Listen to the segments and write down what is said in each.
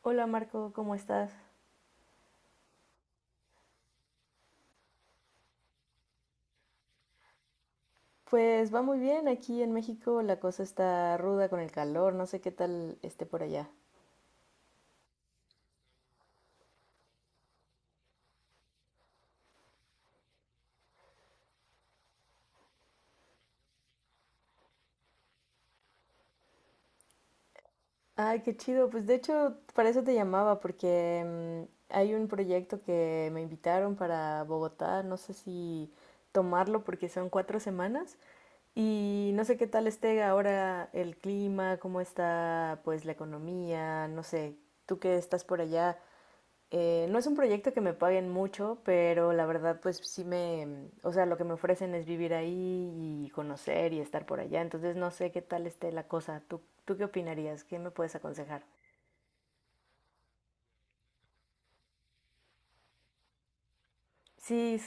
Hola Marco, ¿cómo estás? Pues va muy bien, aquí en México la cosa está ruda con el calor, no sé qué tal esté por allá. Ay, qué chido, pues de hecho para eso te llamaba porque hay un proyecto que me invitaron para Bogotá, no sé si tomarlo porque son 4 semanas y no sé qué tal esté ahora el clima, cómo está pues la economía, no sé, tú que estás por allá, no es un proyecto que me paguen mucho, pero la verdad pues sí me, o sea, lo que me ofrecen es vivir ahí y conocer y estar por allá, entonces no sé qué tal esté la cosa. ¿Tú qué opinarías? ¿Qué me puedes aconsejar? Sí,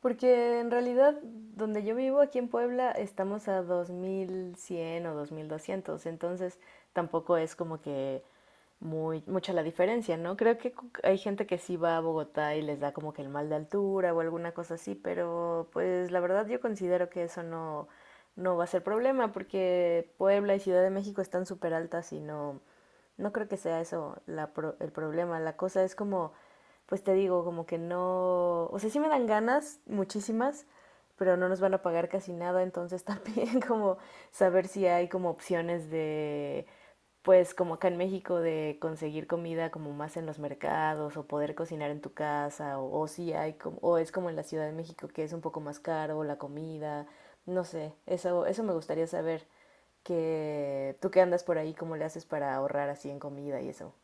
porque en realidad donde yo vivo aquí en Puebla estamos a 2100 o 2200, entonces tampoco es como que muy, mucha la diferencia, ¿no? Creo que hay gente que sí va a Bogotá y les da como que el mal de altura o alguna cosa así, pero pues la verdad yo considero que eso no, no va a ser problema porque Puebla y Ciudad de México están súper altas y no, no creo que sea eso el problema. La cosa es como, pues te digo, como que no, o sea, sí me dan ganas muchísimas, pero no nos van a pagar casi nada, entonces también como saber si hay como opciones de, pues como acá en México, de conseguir comida como más en los mercados o poder cocinar en tu casa, o si hay como, o es como en la Ciudad de México que es un poco más caro la comida, no sé, eso me gustaría saber, que tú que andas por ahí, ¿cómo le haces para ahorrar así en comida y eso?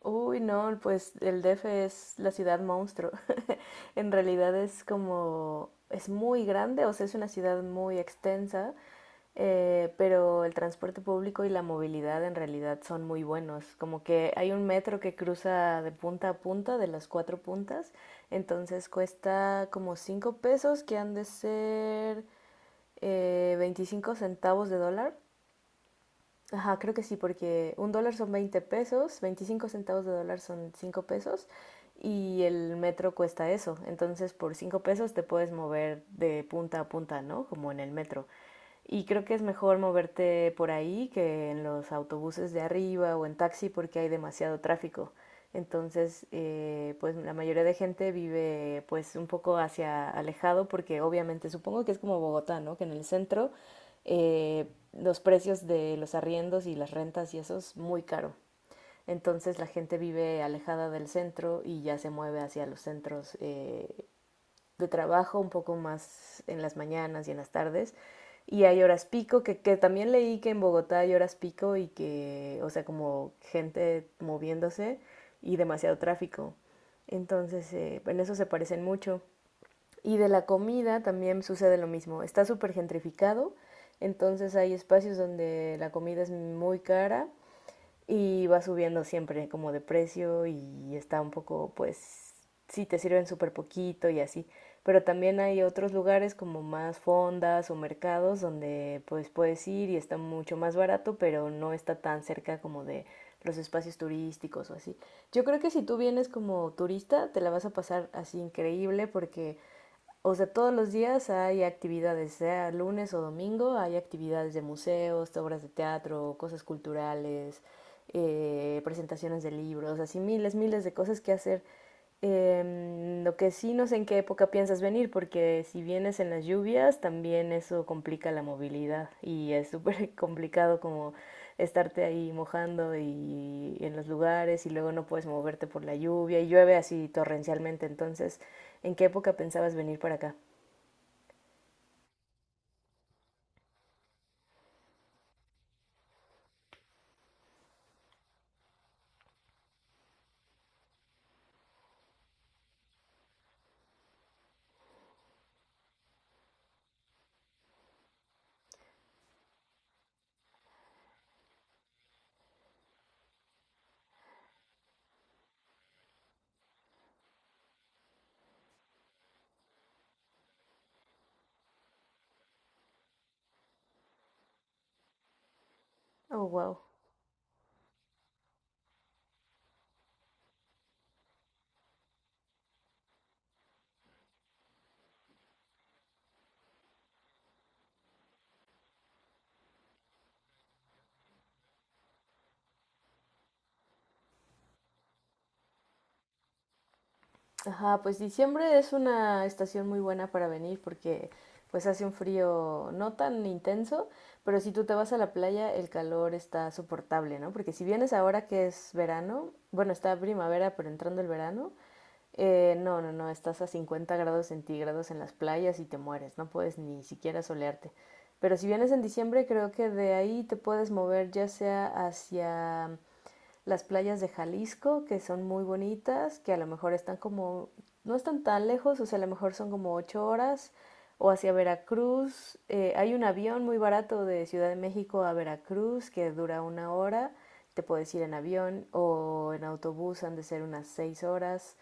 Uy, no, pues el DF es la ciudad monstruo. En realidad es como, es muy grande, o sea, es una ciudad muy extensa, pero el transporte público y la movilidad en realidad son muy buenos. Como que hay un metro que cruza de punta a punta, de las cuatro puntas, entonces cuesta como 5 pesos, que han de ser 25 centavos de dólar. Ajá, creo que sí, porque un dólar son 20 pesos, 25 centavos de dólar son 5 pesos, y el metro cuesta eso. Entonces, por 5 pesos te puedes mover de punta a punta, ¿no? Como en el metro. Y creo que es mejor moverte por ahí que en los autobuses de arriba o en taxi porque hay demasiado tráfico. Entonces, pues la mayoría de gente vive pues un poco hacia alejado porque obviamente supongo que es como Bogotá, ¿no? Que en el centro eh, los precios de los arriendos y las rentas y eso es muy caro. Entonces la gente vive alejada del centro y ya se mueve hacia los centros de trabajo un poco más en las mañanas y en las tardes. Y hay horas pico, que también leí que en Bogotá hay horas pico y que, o sea, como gente moviéndose y demasiado tráfico. Entonces, en eso se parecen mucho. Y de la comida también sucede lo mismo. Está súper gentrificado, entonces hay espacios donde la comida es muy cara y va subiendo siempre como de precio, y está un poco, pues, sí te sirven súper poquito y así. Pero también hay otros lugares como más fondas o mercados donde pues puedes ir y está mucho más barato, pero no está tan cerca como de los espacios turísticos o así. Yo creo que si tú vienes como turista, te la vas a pasar así increíble porque, o sea, todos los días hay actividades, sea lunes o domingo, hay actividades de museos, obras de teatro, cosas culturales, presentaciones de libros, así miles, miles de cosas que hacer. Lo que sí no sé en qué época piensas venir, porque si vienes en las lluvias, también eso complica la movilidad y es súper complicado como estarte ahí mojando y en los lugares, y luego no puedes moverte por la lluvia y llueve así torrencialmente, entonces, ¿en qué época pensabas venir para acá? Oh, wow. Ajá, pues diciembre es una estación muy buena para venir porque pues hace un frío no tan intenso, pero si tú te vas a la playa el calor está soportable, ¿no? Porque si vienes ahora que es verano, bueno, está primavera pero entrando el verano, no, no, no, estás a 50 grados centígrados en las playas y te mueres, no puedes ni siquiera solearte. Pero si vienes en diciembre creo que de ahí te puedes mover ya sea hacia las playas de Jalisco, que son muy bonitas, que a lo mejor están como, no están tan lejos, o sea, a lo mejor son como 8 horas, o hacia Veracruz. Hay un avión muy barato de Ciudad de México a Veracruz que dura 1 hora, te puedes ir en avión o en autobús, han de ser unas 6 horas.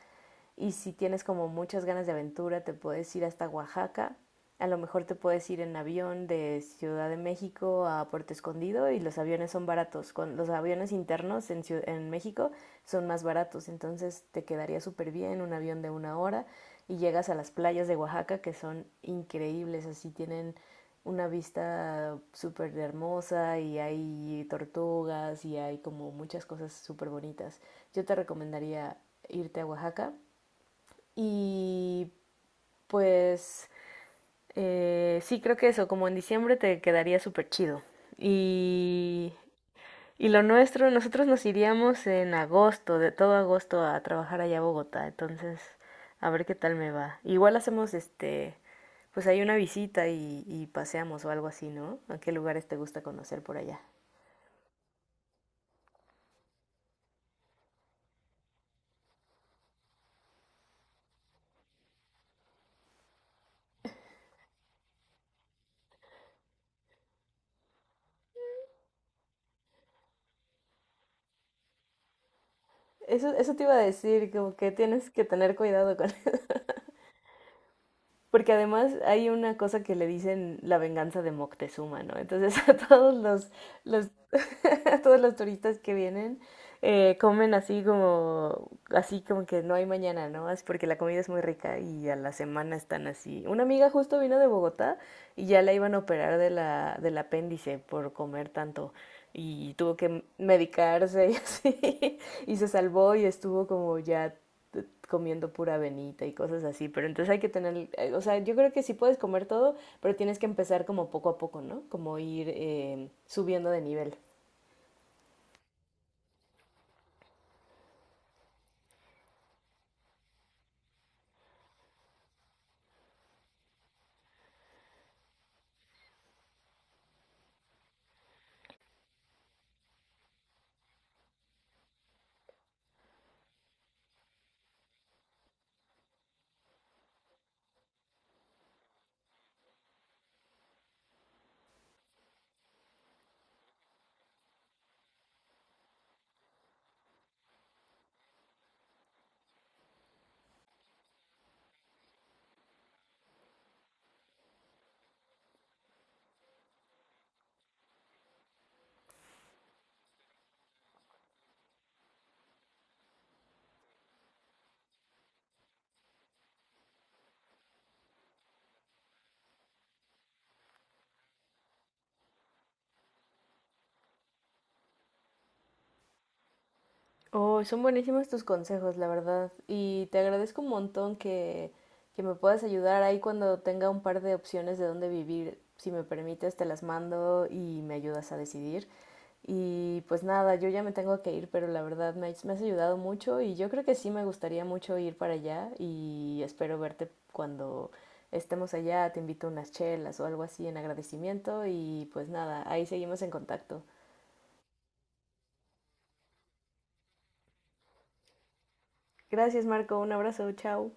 Y si tienes como muchas ganas de aventura, te puedes ir hasta Oaxaca. A lo mejor te puedes ir en avión de Ciudad de México a Puerto Escondido y los aviones son baratos. Con los aviones internos en, en México, son más baratos, entonces te quedaría súper bien un avión de 1 hora y llegas a las playas de Oaxaca que son increíbles, así tienen una vista súper hermosa y hay tortugas y hay como muchas cosas súper bonitas. Yo te recomendaría irte a Oaxaca y pues sí, creo que eso, como en diciembre te quedaría súper chido. Y, y lo nuestro, nosotros nos iríamos en agosto, de todo agosto a trabajar allá a Bogotá, entonces a ver qué tal me va. Igual hacemos este, pues hay una visita y paseamos o algo así, ¿no? ¿A qué lugares te gusta conocer por allá? Eso te iba a decir, como que tienes que tener cuidado con. Porque además hay una cosa que le dicen la venganza de Moctezuma, ¿no? Entonces a todos los a todos los turistas que vienen comen así, como así como que no hay mañana, ¿no? Es porque la comida es muy rica y a la semana están así. Una amiga justo vino de Bogotá y ya la iban a operar de la, del apéndice, por comer tanto y tuvo que medicarse y así, y se salvó y estuvo como ya comiendo pura avenita y cosas así, pero entonces hay que tener, o sea, yo creo que sí puedes comer todo, pero tienes que empezar como poco a poco, ¿no? Como ir subiendo de nivel. Oh, son buenísimos tus consejos, la verdad. Y te agradezco un montón que me puedas ayudar ahí cuando tenga un par de opciones de dónde vivir. Si me permites, te las mando y me ayudas a decidir. Y pues nada, yo ya me tengo que ir, pero la verdad me has ayudado mucho y yo creo que sí me gustaría mucho ir para allá y espero verte cuando estemos allá. Te invito a unas chelas o algo así en agradecimiento y pues nada, ahí seguimos en contacto. Gracias, Marco. Un abrazo. Chao.